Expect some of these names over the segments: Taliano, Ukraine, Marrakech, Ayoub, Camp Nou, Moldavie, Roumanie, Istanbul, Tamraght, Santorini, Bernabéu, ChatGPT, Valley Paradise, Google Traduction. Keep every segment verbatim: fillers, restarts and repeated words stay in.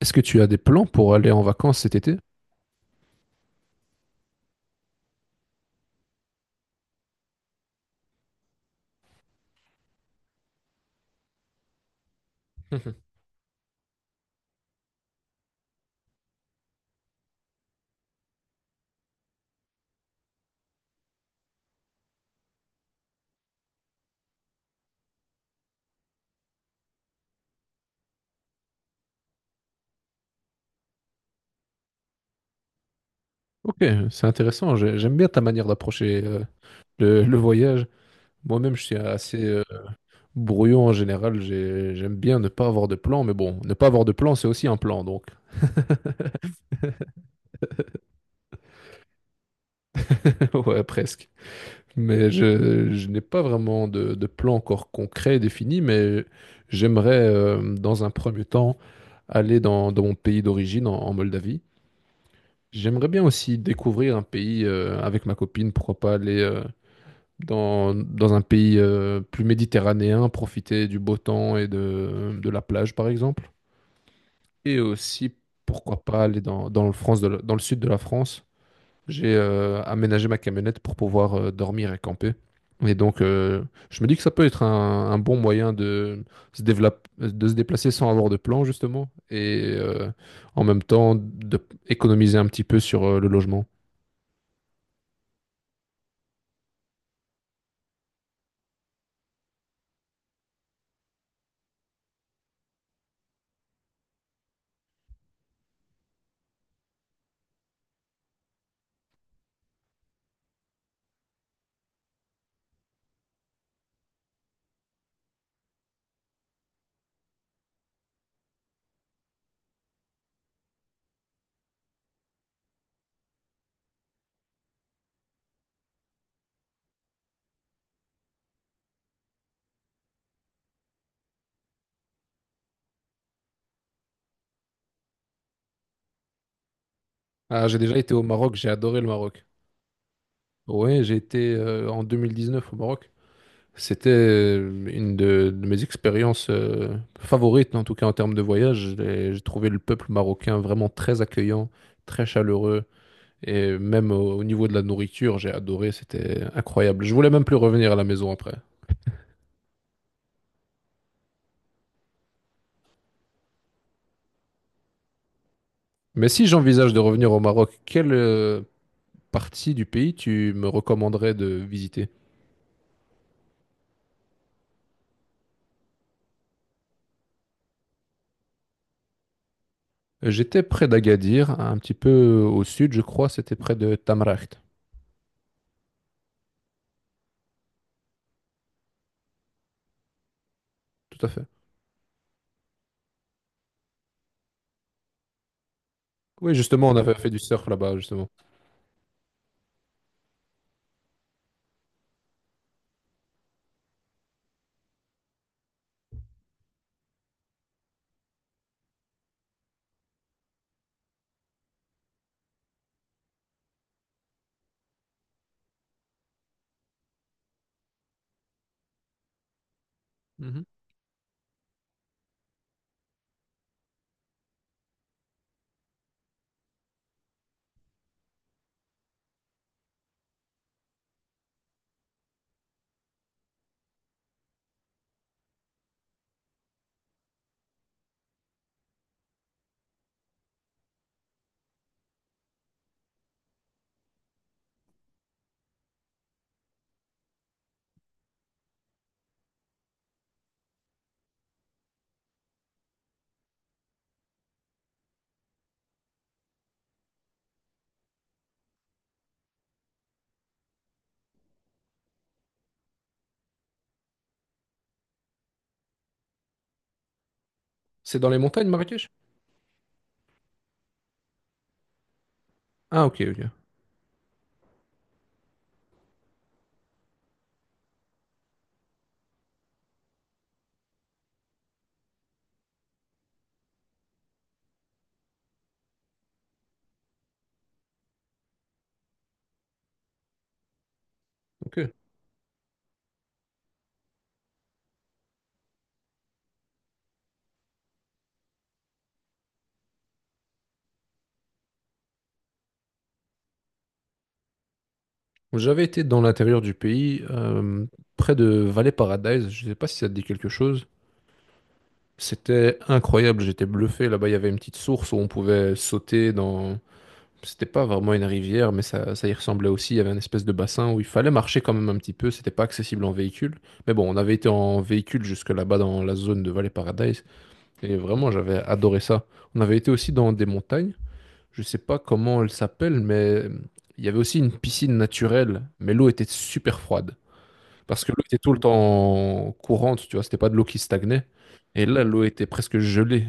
Est-ce que tu as des plans pour aller en vacances cet été? Mhm. Ok, c'est intéressant. J'ai- J'aime bien ta manière d'approcher euh, le, le voyage. Moi-même, je suis assez euh, brouillon en général. J'ai- j'aime bien ne pas avoir de plan, mais bon, ne pas avoir de plan, c'est aussi un plan, donc. Ouais, presque. Mais je, je n'ai pas vraiment de, de plan encore concret défini, mais j'aimerais, euh, dans un premier temps, aller dans, dans mon pays d'origine, en, en Moldavie. J'aimerais bien aussi découvrir un pays euh, avec ma copine, pourquoi pas aller euh, dans, dans un pays euh, plus méditerranéen, profiter du beau temps et de, de la plage, par exemple. Et aussi, pourquoi pas aller dans, dans le France de la- dans le sud de la France. J'ai euh, aménagé ma camionnette pour pouvoir euh, dormir et camper. Et donc, euh, je me dis que ça peut être un, un bon moyen de se développe- de se déplacer sans avoir de plan, justement, et euh, en même temps d'économiser un petit peu sur euh, le logement. Ah, j'ai déjà été au Maroc, j'ai adoré le Maroc. Ouais, j'ai été euh, en deux mille dix-neuf au Maroc. C'était euh, une de, de mes expériences euh, favorites, en tout cas en termes de voyage. J'ai j'ai trouvé le peuple marocain vraiment très accueillant, très chaleureux. Et même au, au niveau de la nourriture, j'ai adoré, c'était incroyable. Je voulais même plus revenir à la maison après. Mais si j'envisage de revenir au Maroc, quelle euh, partie du pays tu me recommanderais de visiter? J'étais près d'Agadir, un petit peu au sud, je crois, c'était près de Tamraght. Tout à fait. Oui, justement, on avait fait du surf là-bas, justement. Mhm. C'est dans les montagnes, Marrakech? Ah, ok, ok. Ok. J'avais été dans l'intérieur du pays, euh, près de Valley Paradise. Je sais pas si ça te dit quelque chose. C'était incroyable, j'étais bluffé. Là-bas, il y avait une petite source où on pouvait sauter dans. C'était pas vraiment une rivière, mais ça, ça y ressemblait aussi. Il y avait une espèce de bassin où il fallait marcher quand même un petit peu. C'était pas accessible en véhicule. Mais bon, on avait été en véhicule jusque là-bas dans la zone de Valley Paradise. Et vraiment, j'avais adoré ça. On avait été aussi dans des montagnes. Je sais pas comment elle s'appelle, mais euh, il y avait aussi une piscine naturelle, mais l'eau était super froide. Parce que l'eau était tout le temps courante, tu vois, c'était pas de l'eau qui stagnait. Et là, l'eau était presque gelée.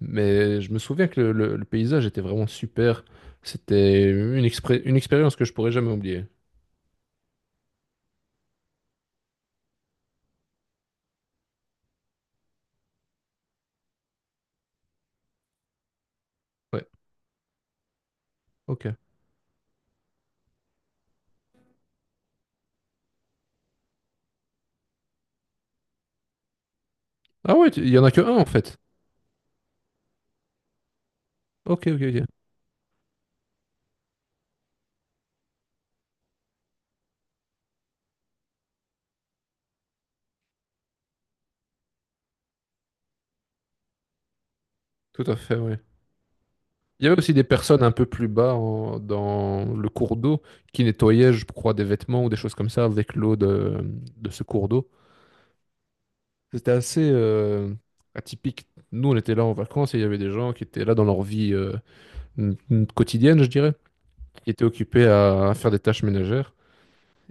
Mais je me souviens que le, le- le paysage était vraiment super. C'était une, expré- une expérience que je pourrais jamais oublier. Ouais, ok. Ah ouais, tu- il y en a que un en fait. Ok, ok, ok. Tout à fait, ouais. Il y avait aussi des personnes un peu plus bas en- dans le cours d'eau qui nettoyaient, je crois, des vêtements ou des choses comme ça avec l'eau de, de ce cours d'eau. C'était assez euh, atypique. Nous, on était là en vacances et il y avait des gens qui étaient là dans leur vie euh, n- n- quotidienne, je dirais, qui étaient occupés à, à faire des tâches ménagères.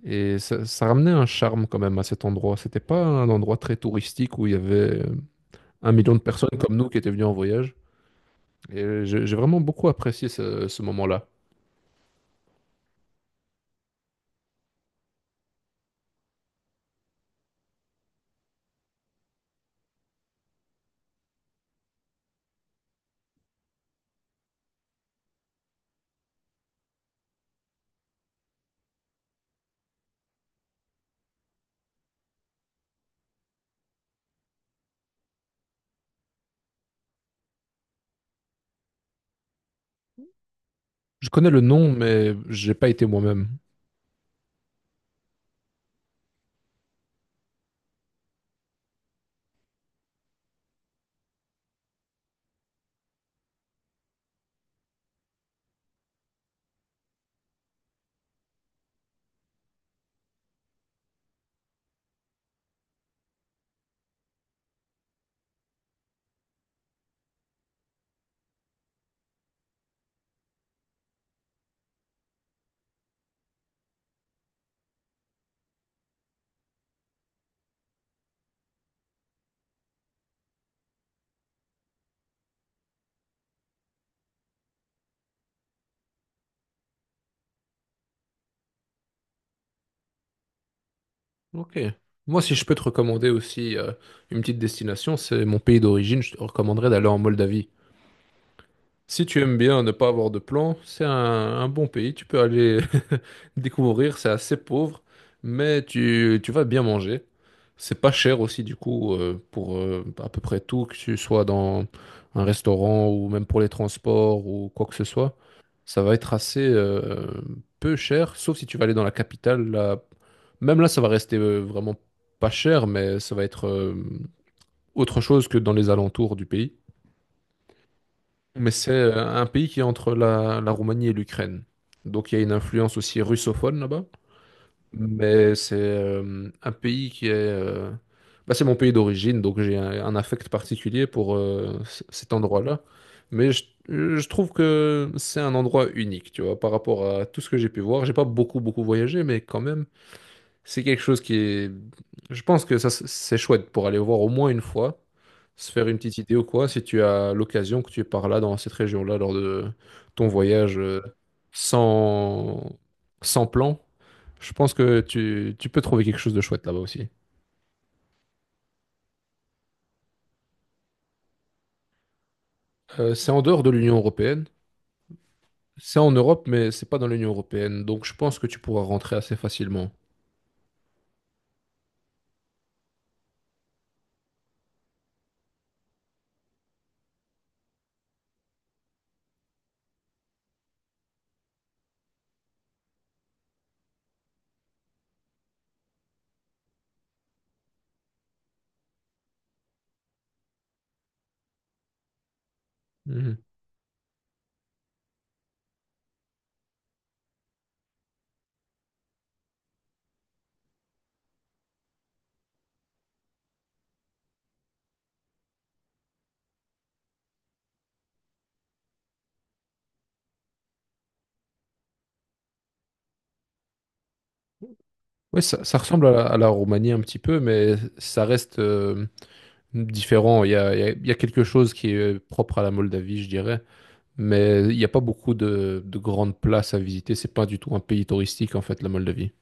Et ça, ça ramenait un charme quand même à cet endroit. C'était pas un endroit très touristique où il y avait euh, un million de personnes comme nous qui étaient venues en voyage. Et j'ai j'ai vraiment beaucoup apprécié ce ce moment-là. Je connais le nom, mais j'ai pas été moi-même. Ok. Moi, si je peux te recommander aussi euh, une petite destination, c'est mon pays d'origine. Je te recommanderais d'aller en Moldavie. Si tu aimes bien ne pas avoir de plan, c'est un, un bon pays. Tu peux aller découvrir. C'est assez pauvre, mais tu, tu vas bien manger. C'est pas cher aussi, du coup, euh, pour euh, à peu près tout, que tu sois dans un restaurant ou même pour les transports ou quoi que ce soit. Ça va être assez euh, peu cher, sauf si tu vas aller dans la capitale. Là. Même là, ça va rester euh, vraiment pas cher, mais ça va être euh, autre chose que dans les alentours du pays. Mais c'est euh, un pays qui est entre la, la Roumanie et l'Ukraine. Donc il y a une influence aussi russophone là-bas. Mais c'est euh, un pays qui est... euh, bah, c'est mon pays d'origine, donc j'ai un, un affect particulier pour euh, c- cet endroit-là. Mais je, je trouve que c'est un endroit unique, tu vois, par rapport à tout ce que j'ai pu voir. J'ai pas beaucoup, beaucoup voyagé, mais quand même... C'est quelque chose qui est... Je pense que ça, c'est chouette pour aller voir au moins une fois, se faire une petite idée ou quoi, si tu as l'occasion que tu es par là, dans cette région-là, lors de ton voyage euh, sans, sans plan. Je pense que tu, tu peux trouver quelque chose de chouette là-bas aussi. Euh, c'est en dehors de l'Union européenne. C'est en Europe, mais c'est pas dans l'Union européenne. Donc je pense que tu pourras rentrer assez facilement. Mhm. Oui, ça, ça ressemble à la, à la Roumanie un petit peu, mais ça reste, euh, différent. Il y a, il y a- il y a quelque chose qui est propre à la Moldavie, je dirais, mais il n'y a pas beaucoup de, de grandes places à visiter. C'est pas du tout un pays touristique, en fait, la Moldavie.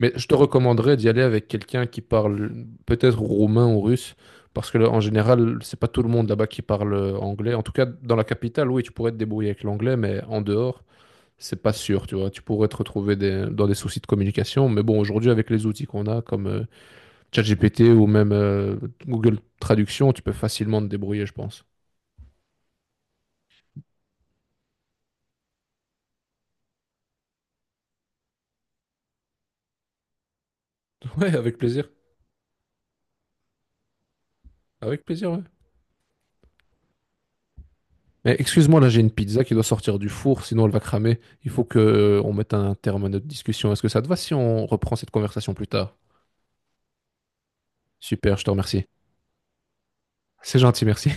Mais je te recommanderais d'y aller avec quelqu'un qui parle peut-être roumain ou russe, parce que là, en général, c'est pas tout le monde là-bas qui parle euh, anglais. En tout cas, dans la capitale, oui, tu pourrais te débrouiller avec l'anglais, mais en dehors, c'est pas sûr, tu vois. Tu pourrais te retrouver des- dans des soucis de communication, mais bon, aujourd'hui, avec les outils qu'on a, comme euh, ChatGPT ou même euh, Google Traduction, tu peux facilement te débrouiller, je pense. Ouais, avec plaisir. Avec plaisir, ouais. Mais excuse-moi, là j'ai une pizza qui doit sortir du four, sinon elle va cramer. Il faut que euh, on mette un terme à notre discussion. Est-ce que ça te va si on reprend cette conversation plus tard? Super, je te remercie. C'est gentil, merci.